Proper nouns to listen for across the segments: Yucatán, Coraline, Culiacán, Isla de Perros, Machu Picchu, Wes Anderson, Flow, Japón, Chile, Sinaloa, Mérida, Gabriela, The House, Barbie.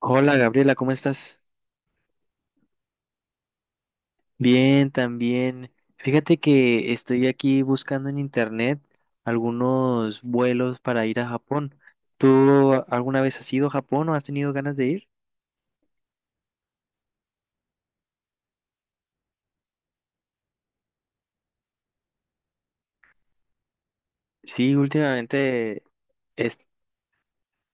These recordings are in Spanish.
Hola Gabriela, ¿cómo estás? Bien, también. Fíjate que estoy aquí buscando en internet algunos vuelos para ir a Japón. ¿Tú alguna vez has ido a Japón o has tenido ganas de ir? Sí, últimamente. He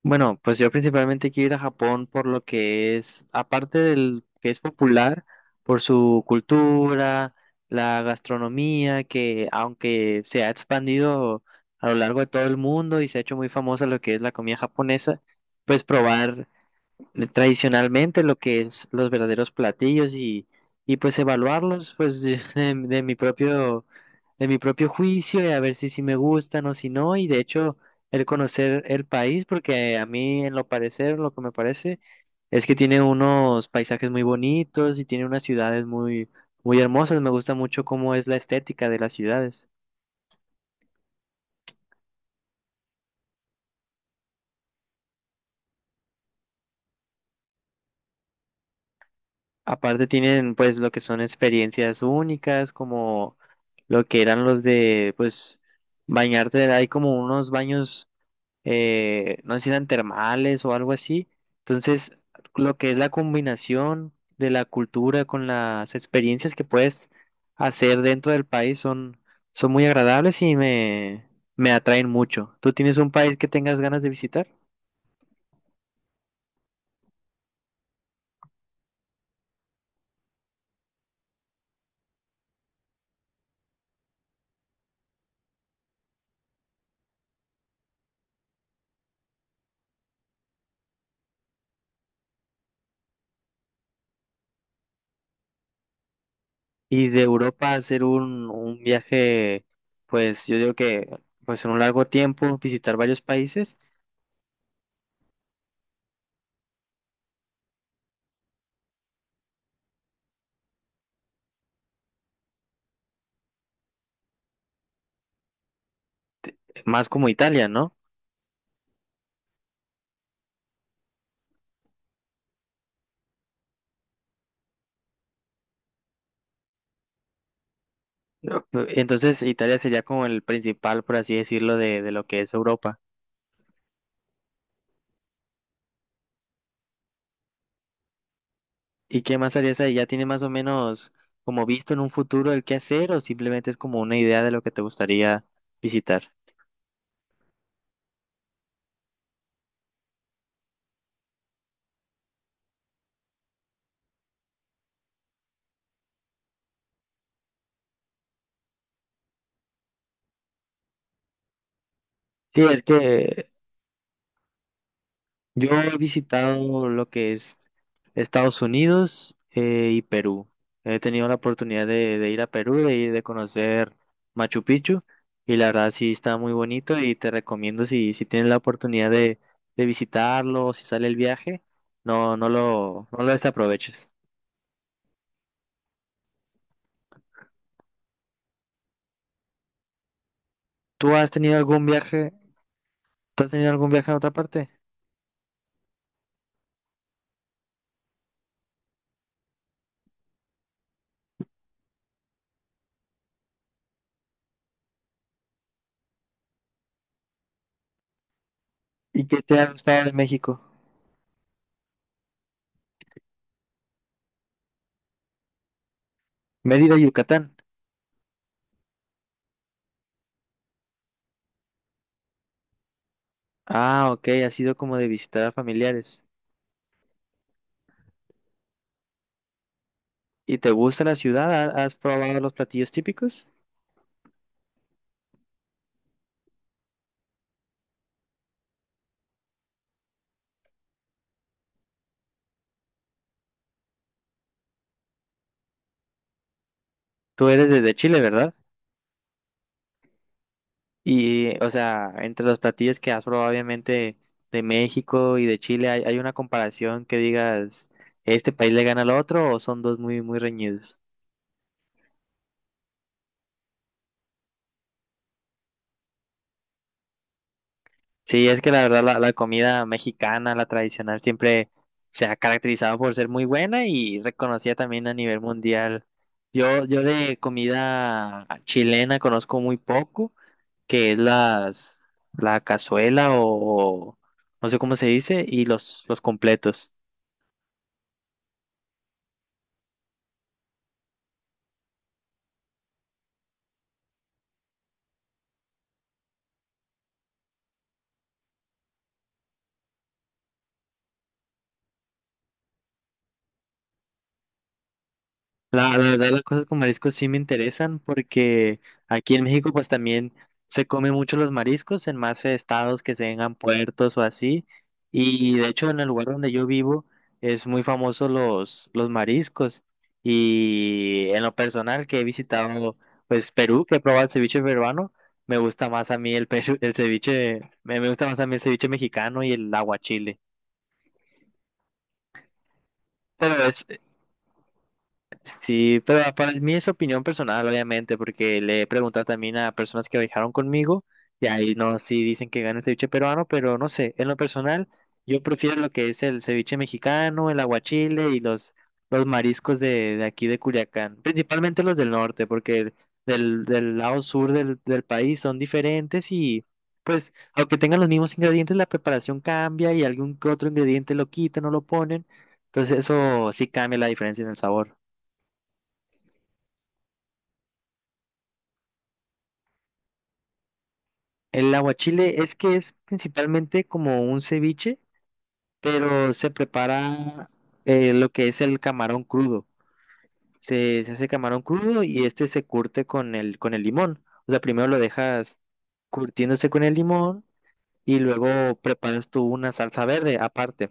Bueno, pues yo principalmente quiero ir a Japón por lo que es, aparte del que es popular, por su cultura, la gastronomía, que aunque se ha expandido a lo largo de todo el mundo y se ha hecho muy famosa lo que es la comida japonesa, pues probar tradicionalmente lo que es los verdaderos platillos, y pues evaluarlos, pues, de mi propio de mi propio juicio, y a ver si sí me gustan o si no. Y de hecho, el conocer el país, porque a mí en lo parecer lo que me parece es que tiene unos paisajes muy bonitos y tiene unas ciudades muy muy hermosas. Me gusta mucho cómo es la estética de las ciudades. Aparte tienen, pues, lo que son experiencias únicas, como lo que eran los de, pues, bañarte. Hay como unos baños, no sé si eran termales o algo así. Entonces, lo que es la combinación de la cultura con las experiencias que puedes hacer dentro del país son muy agradables, y me atraen mucho. ¿Tú tienes un país que tengas ganas de visitar? Y de Europa hacer un viaje, pues yo digo que, pues, en un largo tiempo visitar varios países, más como Italia, ¿no? No. Entonces Italia sería como el principal, por así decirlo, de lo que es Europa. ¿Y qué más harías ahí? ¿Ya tiene más o menos como visto en un futuro el qué hacer, o simplemente es como una idea de lo que te gustaría visitar? Sí, es que yo he visitado lo que es Estados Unidos, y Perú. He tenido la oportunidad de ir a Perú, de conocer Machu Picchu, y la verdad sí está muy bonito. Y te recomiendo, si tienes la oportunidad de visitarlo, si sale el viaje, no, no lo desaproveches. ¿Tú has tenido algún viaje, tú has tenido algún viaje a otra parte? ¿Y qué te ha gustado de México? Mérida, Yucatán. Ah, ok, ha sido como de visitar a familiares. ¿Y te gusta la ciudad? ¿Has probado los platillos típicos? Tú eres desde Chile, ¿verdad? Y, o sea, entre los platillos que has probado, obviamente, de México y de Chile, ¿hay una comparación que digas, este país le gana al otro, o son dos muy, muy reñidos? Sí, es que la verdad, la comida mexicana, la tradicional, siempre se ha caracterizado por ser muy buena y reconocida también a nivel mundial. Yo de comida chilena conozco muy poco. Que es la cazuela, o no sé cómo se dice, y los completos. La verdad, las cosas con mariscos sí me interesan, porque aquí en México pues también se come mucho los mariscos en más estados que tengan puertos o así. Y de hecho en el lugar donde yo vivo es muy famoso los mariscos. Y en lo personal que he visitado, pues, Perú, que he probado el ceviche peruano, me gusta más a mí el ceviche, me gusta más a mí el ceviche mexicano y el aguachile. Pero es, Sí, pero para mí es opinión personal, obviamente, porque le he preguntado también a personas que viajaron conmigo, y ahí no, sí dicen que gana el ceviche peruano, pero no sé, en lo personal yo prefiero lo que es el ceviche mexicano, el aguachile y los mariscos de aquí de Culiacán, principalmente los del norte, porque del lado sur del país son diferentes, y pues aunque tengan los mismos ingredientes, la preparación cambia y algún que otro ingrediente lo quitan o lo ponen, entonces eso sí cambia la diferencia en el sabor. El aguachile es que es principalmente como un ceviche, pero se prepara, lo que es el camarón crudo. Se hace camarón crudo, y este se curte con el limón. O sea, primero lo dejas curtiéndose con el limón y luego preparas tú una salsa verde aparte.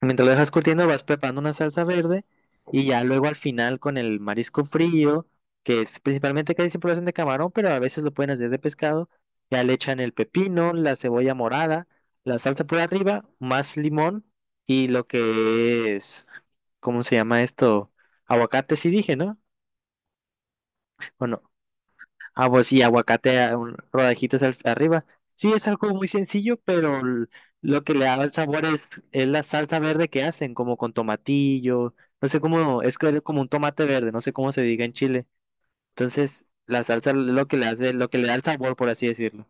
Mientras lo dejas curtiendo, vas preparando una salsa verde, y ya luego al final con el marisco frío, que es principalmente, casi siempre lo hacen de camarón, pero a veces lo pueden hacer de pescado, ya le echan el pepino, la cebolla morada, la salsa por arriba, más limón, y lo que es, ¿cómo se llama esto? Aguacate, sí dije, ¿no? Bueno. Ah, pues sí, aguacate, rodajitas arriba. Sí, es algo muy sencillo, pero lo que le da el sabor es la salsa verde que hacen, como con tomatillo. No sé cómo, como un tomate verde, no sé cómo se diga en Chile. Entonces, la salsa es lo que le hace, lo que le da el sabor, por así decirlo.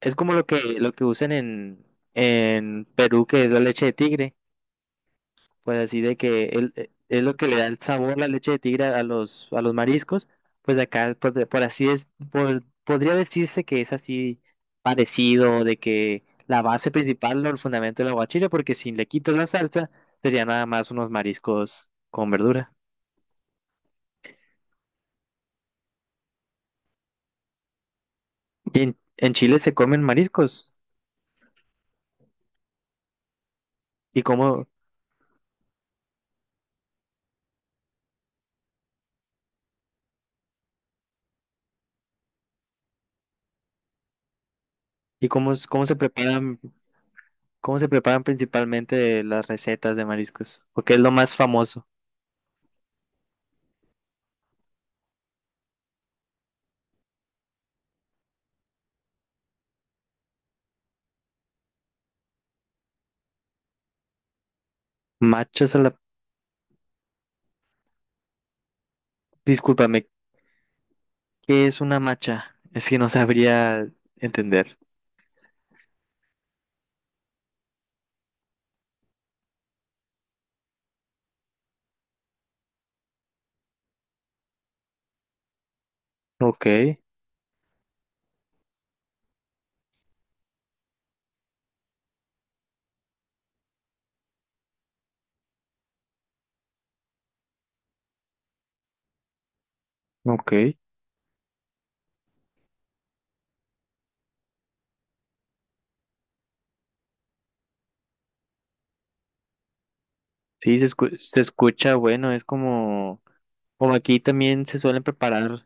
Es como lo que usan en Perú, que es la leche de tigre. Pues así de que él, es lo que le da el sabor la leche de tigre a los mariscos. Pues acá, por, de- por así es, por- podría decirse que es así parecido, de que la base principal, o el fundamento del aguachile, porque si le quitas la salsa, sería nada más unos mariscos con verdura. Y en Chile se comen mariscos. ¿Y cómo, y cómo, es- cómo se preparan, ¿Cómo se preparan principalmente las recetas de mariscos? Porque es lo más famoso. Machos a la. Discúlpame. ¿Qué es una macha? Es que no sabría entender. Ok, ok. Sí, se escucha, bueno, es como aquí también se suelen preparar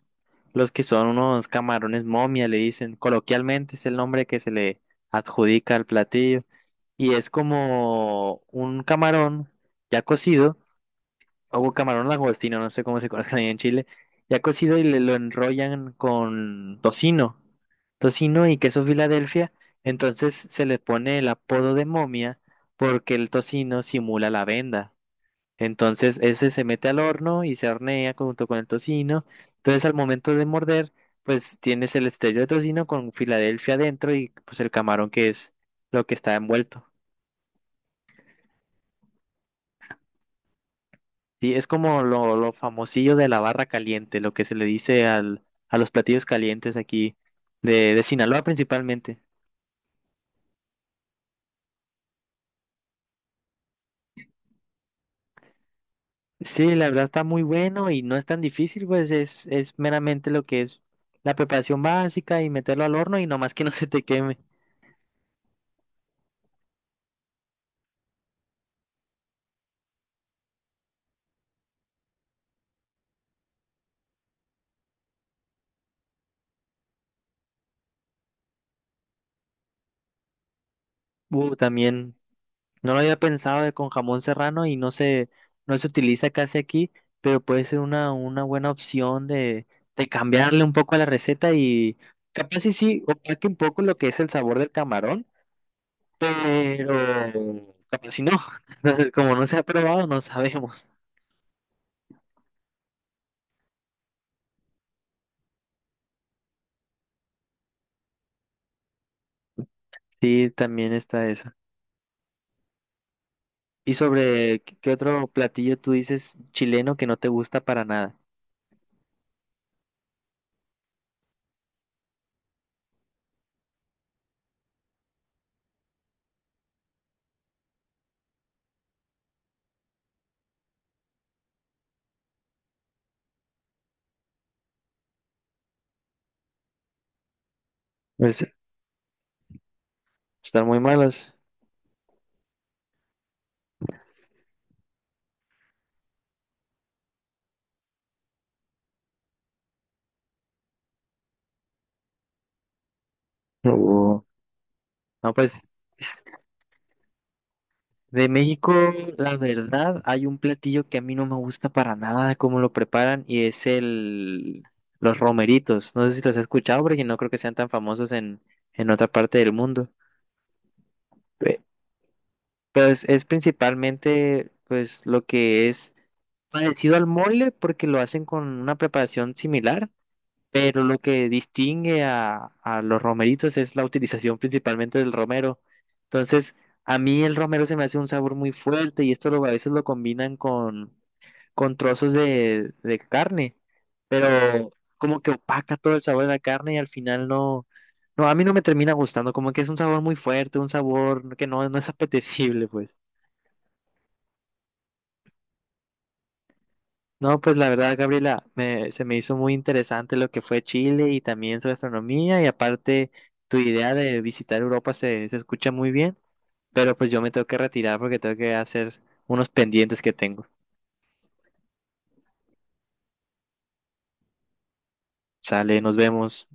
los que son unos camarones momia, le dicen, coloquialmente es el nombre que se le adjudica al platillo. Y es como un camarón ya cocido, o camarón langostino, no sé cómo se conoce ahí en Chile, ya cocido, y lo enrollan con tocino y queso Filadelfia, entonces se le pone el apodo de momia porque el tocino simula la venda. Entonces ese se mete al horno y se hornea junto con el tocino. Entonces al momento de morder, pues tienes el estrello de tocino con Filadelfia adentro y pues el camarón, que es lo que está envuelto. Sí, es como lo famosillo de la barra caliente, lo que se le dice a los platillos calientes aquí de Sinaloa principalmente. Sí, la verdad está muy bueno y no es tan difícil, pues es meramente lo que es la preparación básica y meterlo al horno y nomás que no se te queme. También no lo había pensado de con jamón serrano y no se utiliza casi aquí, pero puede ser una buena opción de cambiarle un poco a la receta, y capaz y sí, opaque un poco lo que es el sabor del camarón. Pero capaz si no, como no se ha probado, no sabemos. Sí, también está eso. ¿Y sobre qué otro platillo tú dices chileno que no te gusta para nada? Pues están muy malas. Uh, No, pues de México, la verdad, hay un platillo que a mí no me gusta para nada cómo lo preparan, y es el los romeritos. No sé si los has escuchado porque no creo que sean tan famosos en otra parte del mundo. Pues es principalmente, pues, lo que es parecido al mole, porque lo hacen con una preparación similar, pero lo que distingue a los romeritos es la utilización principalmente del romero. Entonces, a mí el romero se me hace un sabor muy fuerte, y a veces lo combinan con trozos de carne, pero como que opaca todo el sabor de la carne, y al final no, no, a mí no me termina gustando, como que es un sabor muy fuerte, un sabor que no, no es apetecible, pues. No, pues la verdad, Gabriela, se me hizo muy interesante lo que fue Chile y también su gastronomía, y aparte tu idea de visitar Europa se escucha muy bien, pero pues yo me tengo que retirar porque tengo que hacer unos pendientes que tengo. Sale, nos vemos.